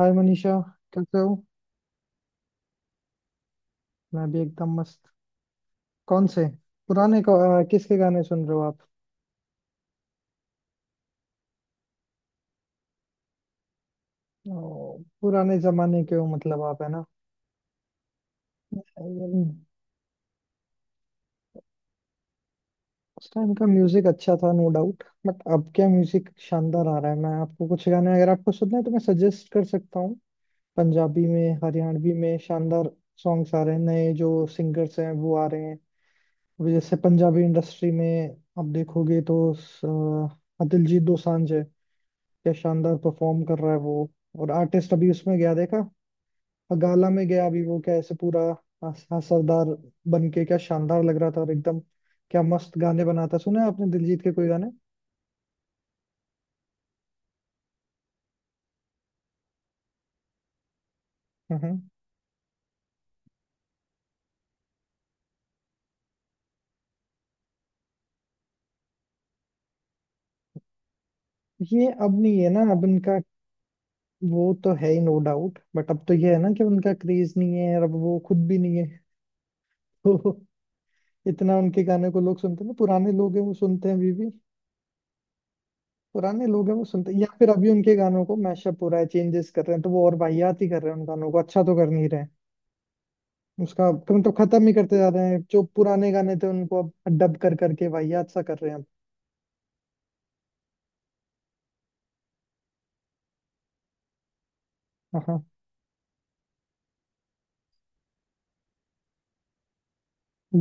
हाय मनीषा। कैसे हो? मैं भी एकदम मस्त। कौन से पुराने को, अ, किसके गाने सुन रहे हो आप? पुराने जमाने के हो मतलब आप, है ना? अम, उस टाइम का म्यूजिक अच्छा था, नो डाउट, बट अब क्या म्यूजिक शानदार आ रहा है। मैं आपको कुछ गाने, अगर आपको सुनना है तो मैं सजेस्ट कर सकता हूँ। पंजाबी में, हरियाणवी में शानदार सॉन्ग्स आ रहे हैं। नए जो सिंगर्स हैं वो आ रहे हैं। अभी जैसे पंजाबी इंडस्ट्री में आप देखोगे तो दिलजीत दोसांझ है। क्या शानदार परफॉर्म कर रहा है वो। और आर्टिस्ट अभी उसमें गया देखा। गाला में गया अभी वो, कैसे पूरा असरदार बन के क्या शानदार लग रहा था, और एकदम क्या मस्त गाने बनाता है। सुना है आपने दिलजीत के कोई गाने? हम्म। ये अब नहीं है ना अब इनका। वो तो है ही, नो डाउट, बट अब तो ये है ना कि उनका क्रेज नहीं है, और अब वो खुद भी नहीं है। तो इतना उनके गाने को लोग सुनते हैं ना? पुराने लोग हैं वो सुनते हैं अभी भी। पुराने लोग हैं वो सुनते हैं, या फिर अभी उनके गानों को मैशअप हो रहा है, चेंजेस कर रहे हैं तो वो और वाहियात ही कर रहे हैं उन गानों को, अच्छा तो कर नहीं रहे। उसका तो मतलब खत्म ही करते जा रहे हैं। जो पुराने गाने थे उनको अब डब कर करके वाहियात सा कर रहे हैं अब। हाँ हाँ।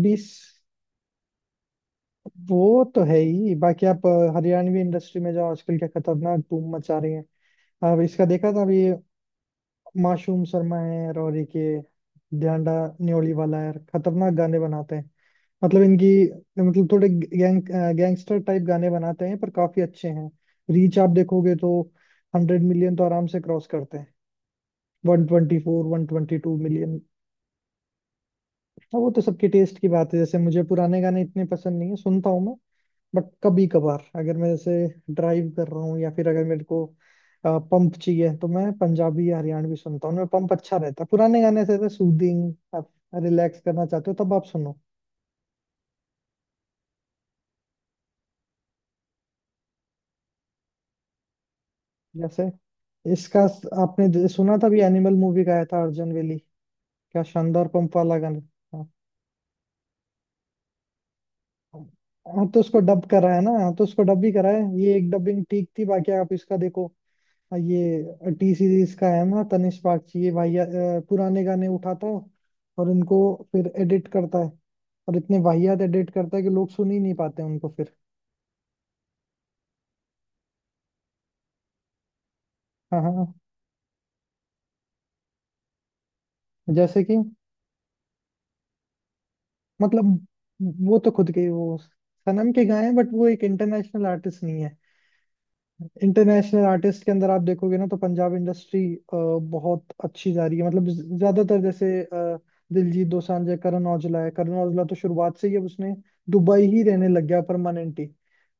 20। वो तो है ही। बाकी आप हरियाणवी इंडस्ट्री में जाओ, आजकल क्या खतरनाक धूम मचा रही है। अब इसका देखा था अभी। मासूम शर्मा है, और एक ये ध्यांडा न्योली वाला है, खतरनाक गाने बनाते हैं। मतलब इनकी, मतलब थोड़े गैंग गैंगस्टर टाइप गाने बनाते हैं, पर काफी अच्छे हैं। रीच आप देखोगे तो 100 मिलियन तो आराम से क्रॉस करते हैं। 124, 122 मिलियन। हाँ, वो तो सबके टेस्ट की बात है, जैसे मुझे पुराने गाने इतने पसंद नहीं है, सुनता हूँ मैं। बट कभी कभार, अगर मैं जैसे ड्राइव कर रहा हूँ, या फिर अगर मेरे को पंप चाहिए तो मैं पंजाबी या हरियाणवी सुनता हूँ। उनमें पंप अच्छा रहता है। पुराने गाने से सूदिंग, आप रिलैक्स करना चाहते हो तब आप सुनो। जैसे इसका आपने सुना था भी एनिमल मूवी का, आया था अर्जुन वेली। क्या शानदार पंप वाला गाना। हाँ। हाँ, तो उसको डब करा है ना, हाँ, तो उसको डब भी करा है। ये एक डबिंग ठीक थी। बाकी आप इसका देखो, ये टी सीरीज का है ना, तनिष्क बागची ये वाहिया पुराने गाने उठाता है, और उनको फिर एडिट करता है, और इतने वाहियात एडिट करता है कि लोग सुन ही नहीं पाते उनको फिर। हाँ हाँ हाँ। जैसे कि मतलब वो तो खुद के ही वो, सनम के गाए हैं, बट वो एक इंटरनेशनल आर्टिस्ट नहीं है। इंटरनेशनल आर्टिस्ट के अंदर आप देखोगे ना, तो पंजाब इंडस्ट्री बहुत अच्छी जा रही है। मतलब ज्यादातर, जैसे दिलजीत दोसांझ है, करण औजला है। करण औजला तो शुरुआत से ही, अब उसने दुबई ही रहने लग गया परमानेंटली।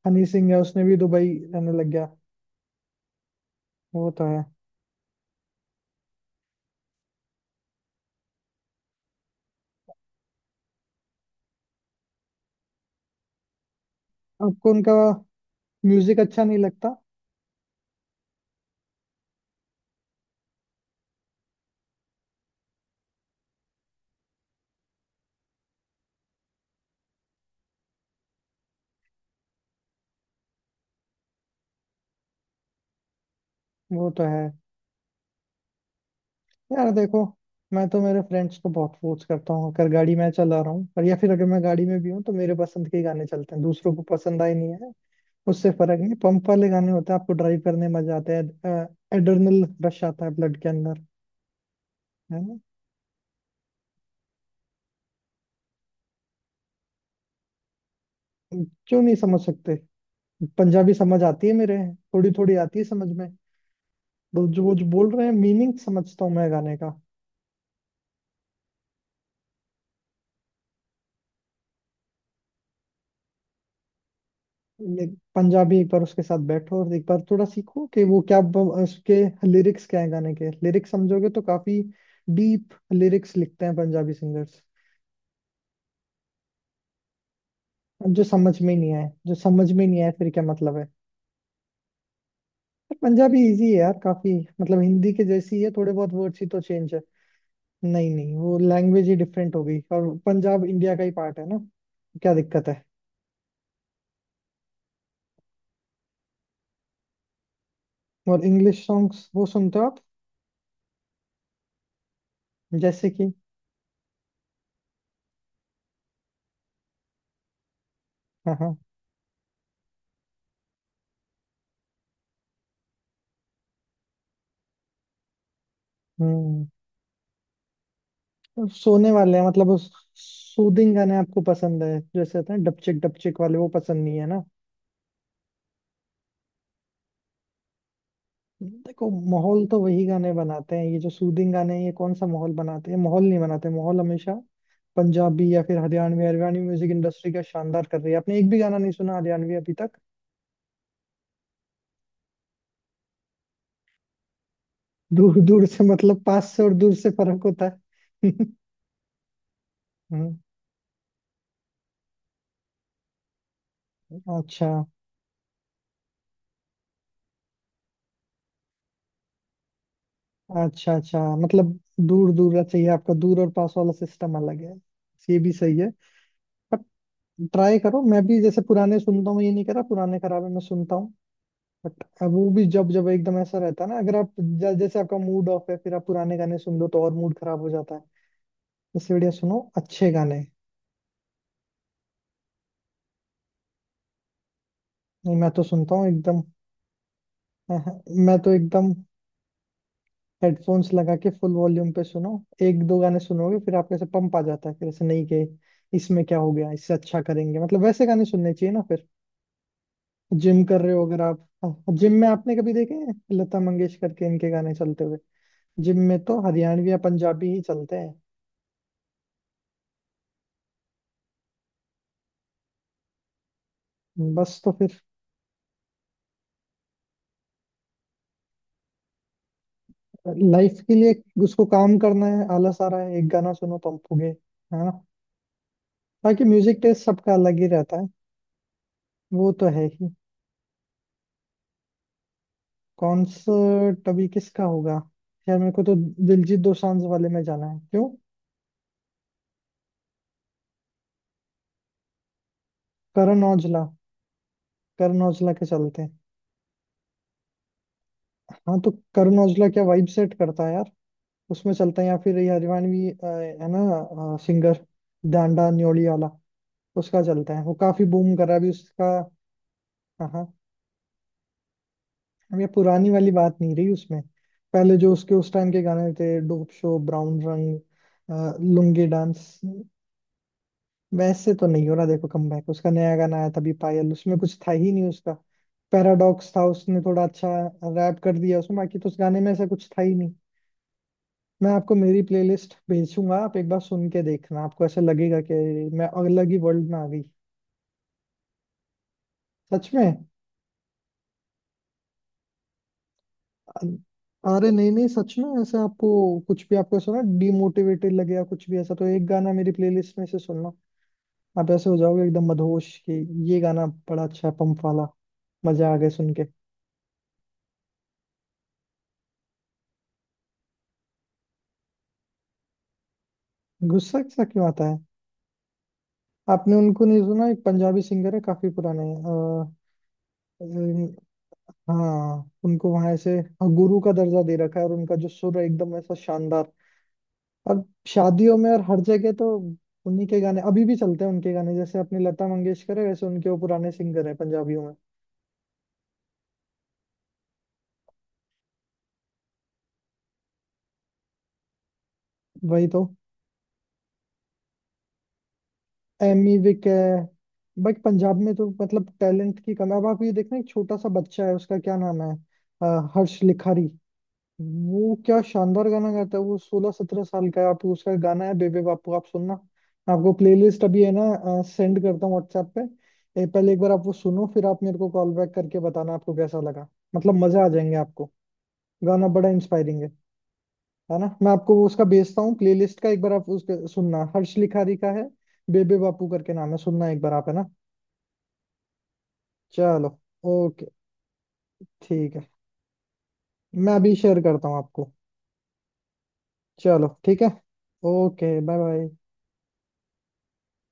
हनी सिंह है, उसने भी दुबई रहने लग गया। वो तो है। आपको उनका म्यूजिक अच्छा नहीं लगता? वो तो है यार। देखो, मैं तो मेरे फ्रेंड्स को बहुत फोर्स करता हूँ, अगर गाड़ी में चला रहा हूँ, और या फिर अगर मैं गाड़ी में भी हूँ तो मेरे पसंद के ही गाने चलते हैं, दूसरों को पसंद आए नहीं है। उससे फर्क है, पंप वाले गाने होते हैं, आपको ड्राइव करने में मजा आता है, एड्रेनल रश आता है ब्लड के अंदर। है ना? क्यों नहीं समझ सकते? पंजाबी समझ आती है मेरे। थोड़ी थोड़ी आती है समझ में, तो जो वो जो बोल रहे हैं मीनिंग समझता हूँ मैं गाने का। ले- पंजाबी, एक बार उसके साथ बैठो और एक बार थोड़ा सीखो, कि वो क्या उसके लिरिक्स क्या है, गाने के लिरिक्स समझोगे तो, काफी डीप लिरिक्स लिखते हैं पंजाबी सिंगर्स। जो समझ में ही नहीं आए, जो समझ में ही नहीं आए, फिर क्या मतलब है? पंजाबी इजी है यार, काफी। मतलब हिंदी के जैसी है, थोड़े बहुत वर्ड्स ही तो चेंज है। नहीं नहीं, वो लैंग्वेज ही डिफरेंट हो गई, और पंजाब इंडिया का ही पार्ट है ना, क्या दिक्कत है? और इंग्लिश सॉन्ग्स वो सुनते हो आप? जैसे कि। हाँ हाँ। हम्म। सोने वाले हैं मतलब। सूदिंग गाने आपको पसंद है, जैसे होते हैं डपचिक डपचिक वाले वो पसंद नहीं है ना। देखो माहौल तो वही गाने बनाते हैं, ये जो सूदिंग गाने हैं ये कौन सा माहौल बनाते हैं? माहौल नहीं बनाते। माहौल हमेशा पंजाबी या फिर हरियाणवी, हरियाणवी म्यूजिक इंडस्ट्री का शानदार कर रही है। आपने एक भी गाना नहीं सुना हरियाणवी अभी तक? दूर दूर से मतलब? पास से और दूर से फर्क होता है। हम्म। अच्छा। अच्छा अच्छा, मतलब दूर दूर चाहिए आपका, दूर और पास वाला सिस्टम अलग है। ये भी सही है। पर ट्राई करो, मैं भी जैसे पुराने सुनता हूँ, ये नहीं करा पुराने खराबे में सुनता हूँ। बट अब वो भी, जब जब एकदम ऐसा रहता है ना, अगर आप जैसे आपका मूड ऑफ है, फिर आप पुराने गाने सुन लो तो और मूड खराब हो जाता है। इससे बढ़िया सुनो अच्छे गाने। नहीं, मैं तो सुनता हूँ एकदम। मैं तो एकदम हेडफोन्स लगा के फुल वॉल्यूम पे सुनो। एक दो गाने सुनोगे फिर आपको ऐसे पंप आ जाता है। फिर ऐसे नहीं कि इसमें क्या हो गया, इससे अच्छा करेंगे, मतलब वैसे गाने सुनने चाहिए ना फिर। जिम कर रहे हो अगर आप, जिम में आपने कभी देखे हैं लता मंगेशकर के इनके गाने चलते हुए? जिम में तो हरियाणवी या पंजाबी ही चलते हैं, बस। तो फिर लाइफ के लिए, उसको काम करना है, आलस आ रहा है, एक गाना सुनो पंप हो गए, है ना? बाकी म्यूजिक टेस्ट सबका अलग ही रहता है। वो तो है ही। कॉन्सर्ट अभी किसका होगा? यार मेरे को तो दिलजीत दोसांझ वाले में जाना है। क्यों? करण औजला, करण औजला के चलते हैं। हाँ, तो करण औजला क्या वाइब सेट करता है यार, उसमें चलते हैं। या फिर ये हरिवाणवी है ना सिंगर, डांडा न्योली वाला, उसका चलता है। वो काफी बूम कर रहा है अभी उसका। हाँ हाँ। अब ये पुरानी वाली बात नहीं रही उसमें। पहले जो उसके उस टाइम के गाने थे, डोप शो, ब्राउन रंग, लुंगी डांस। वैसे तो नहीं हो रहा देखो कमबैक उसका। नया गाना आया था अभी पायल, उसमें कुछ था ही नहीं उसका। पैराडॉक्स था, उसने थोड़ा अच्छा रैप कर दिया उसमें, बाकी तो उस गाने में ऐसा कुछ था ही नहीं। मैं आपको मेरी प्लेलिस्ट भेजूंगा, आप एक बार सुन के देखना, आपको ऐसा लगेगा कि मैं अलग ही वर्ल्ड में आ गई। सच में। अरे नहीं नहीं, सच में, ऐसे आपको कुछ भी, आपको सुना डिमोटिवेटेड लगे या कुछ भी ऐसा, तो एक गाना मेरी प्लेलिस्ट में से सुनना, आप ऐसे हो जाओगे एकदम मदहोश, कि ये गाना बड़ा अच्छा है, पंप वाला, मजा आ गया सुन के। गुस्सा सा क्यों आता है? आपने उनको नहीं सुना एक पंजाबी सिंगर है, काफी पुराने अ, हाँ, उनको वहां ऐसे गुरु का दर्जा दे रखा है, और उनका जो सुर है एकदम ऐसा शानदार। अब शादियों में और हर जगह तो उन्हीं के गाने अभी भी चलते हैं, उनके गाने। जैसे अपनी लता मंगेशकर है वैसे उनके वो पुराने सिंगर है पंजाबियों में। वही तो। एमी विक है, बट पंजाब में तो मतलब टैलेंट की कमी। अब आप ये देखना एक छोटा सा बच्चा है, उसका क्या नाम है, हर्ष लिखारी। वो क्या शानदार गाना गाता है। वो 16 17 साल का है। आप उसका गाना है बेबे बापू, आप सुनना। मैं आपको प्लेलिस्ट अभी है ना सेंड करता हूँ व्हाट्सएप पे। पहले एक बार आप वो सुनो, फिर आप मेरे को कॉल बैक करके बताना आपको कैसा लगा। मतलब मजे आ जाएंगे आपको, गाना बड़ा इंस्पायरिंग है ना? मैं आपको वो उसका भेजता हूँ प्लेलिस्ट का, एक बार आप उसका सुनना, हर्ष लिखारी का है। बेबे बापू करके नाम है, सुनना एक बार आप, है ना? चलो। ओके। ठीक है। मैं अभी शेयर करता हूँ आपको। चलो ठीक है। Okay bye bye.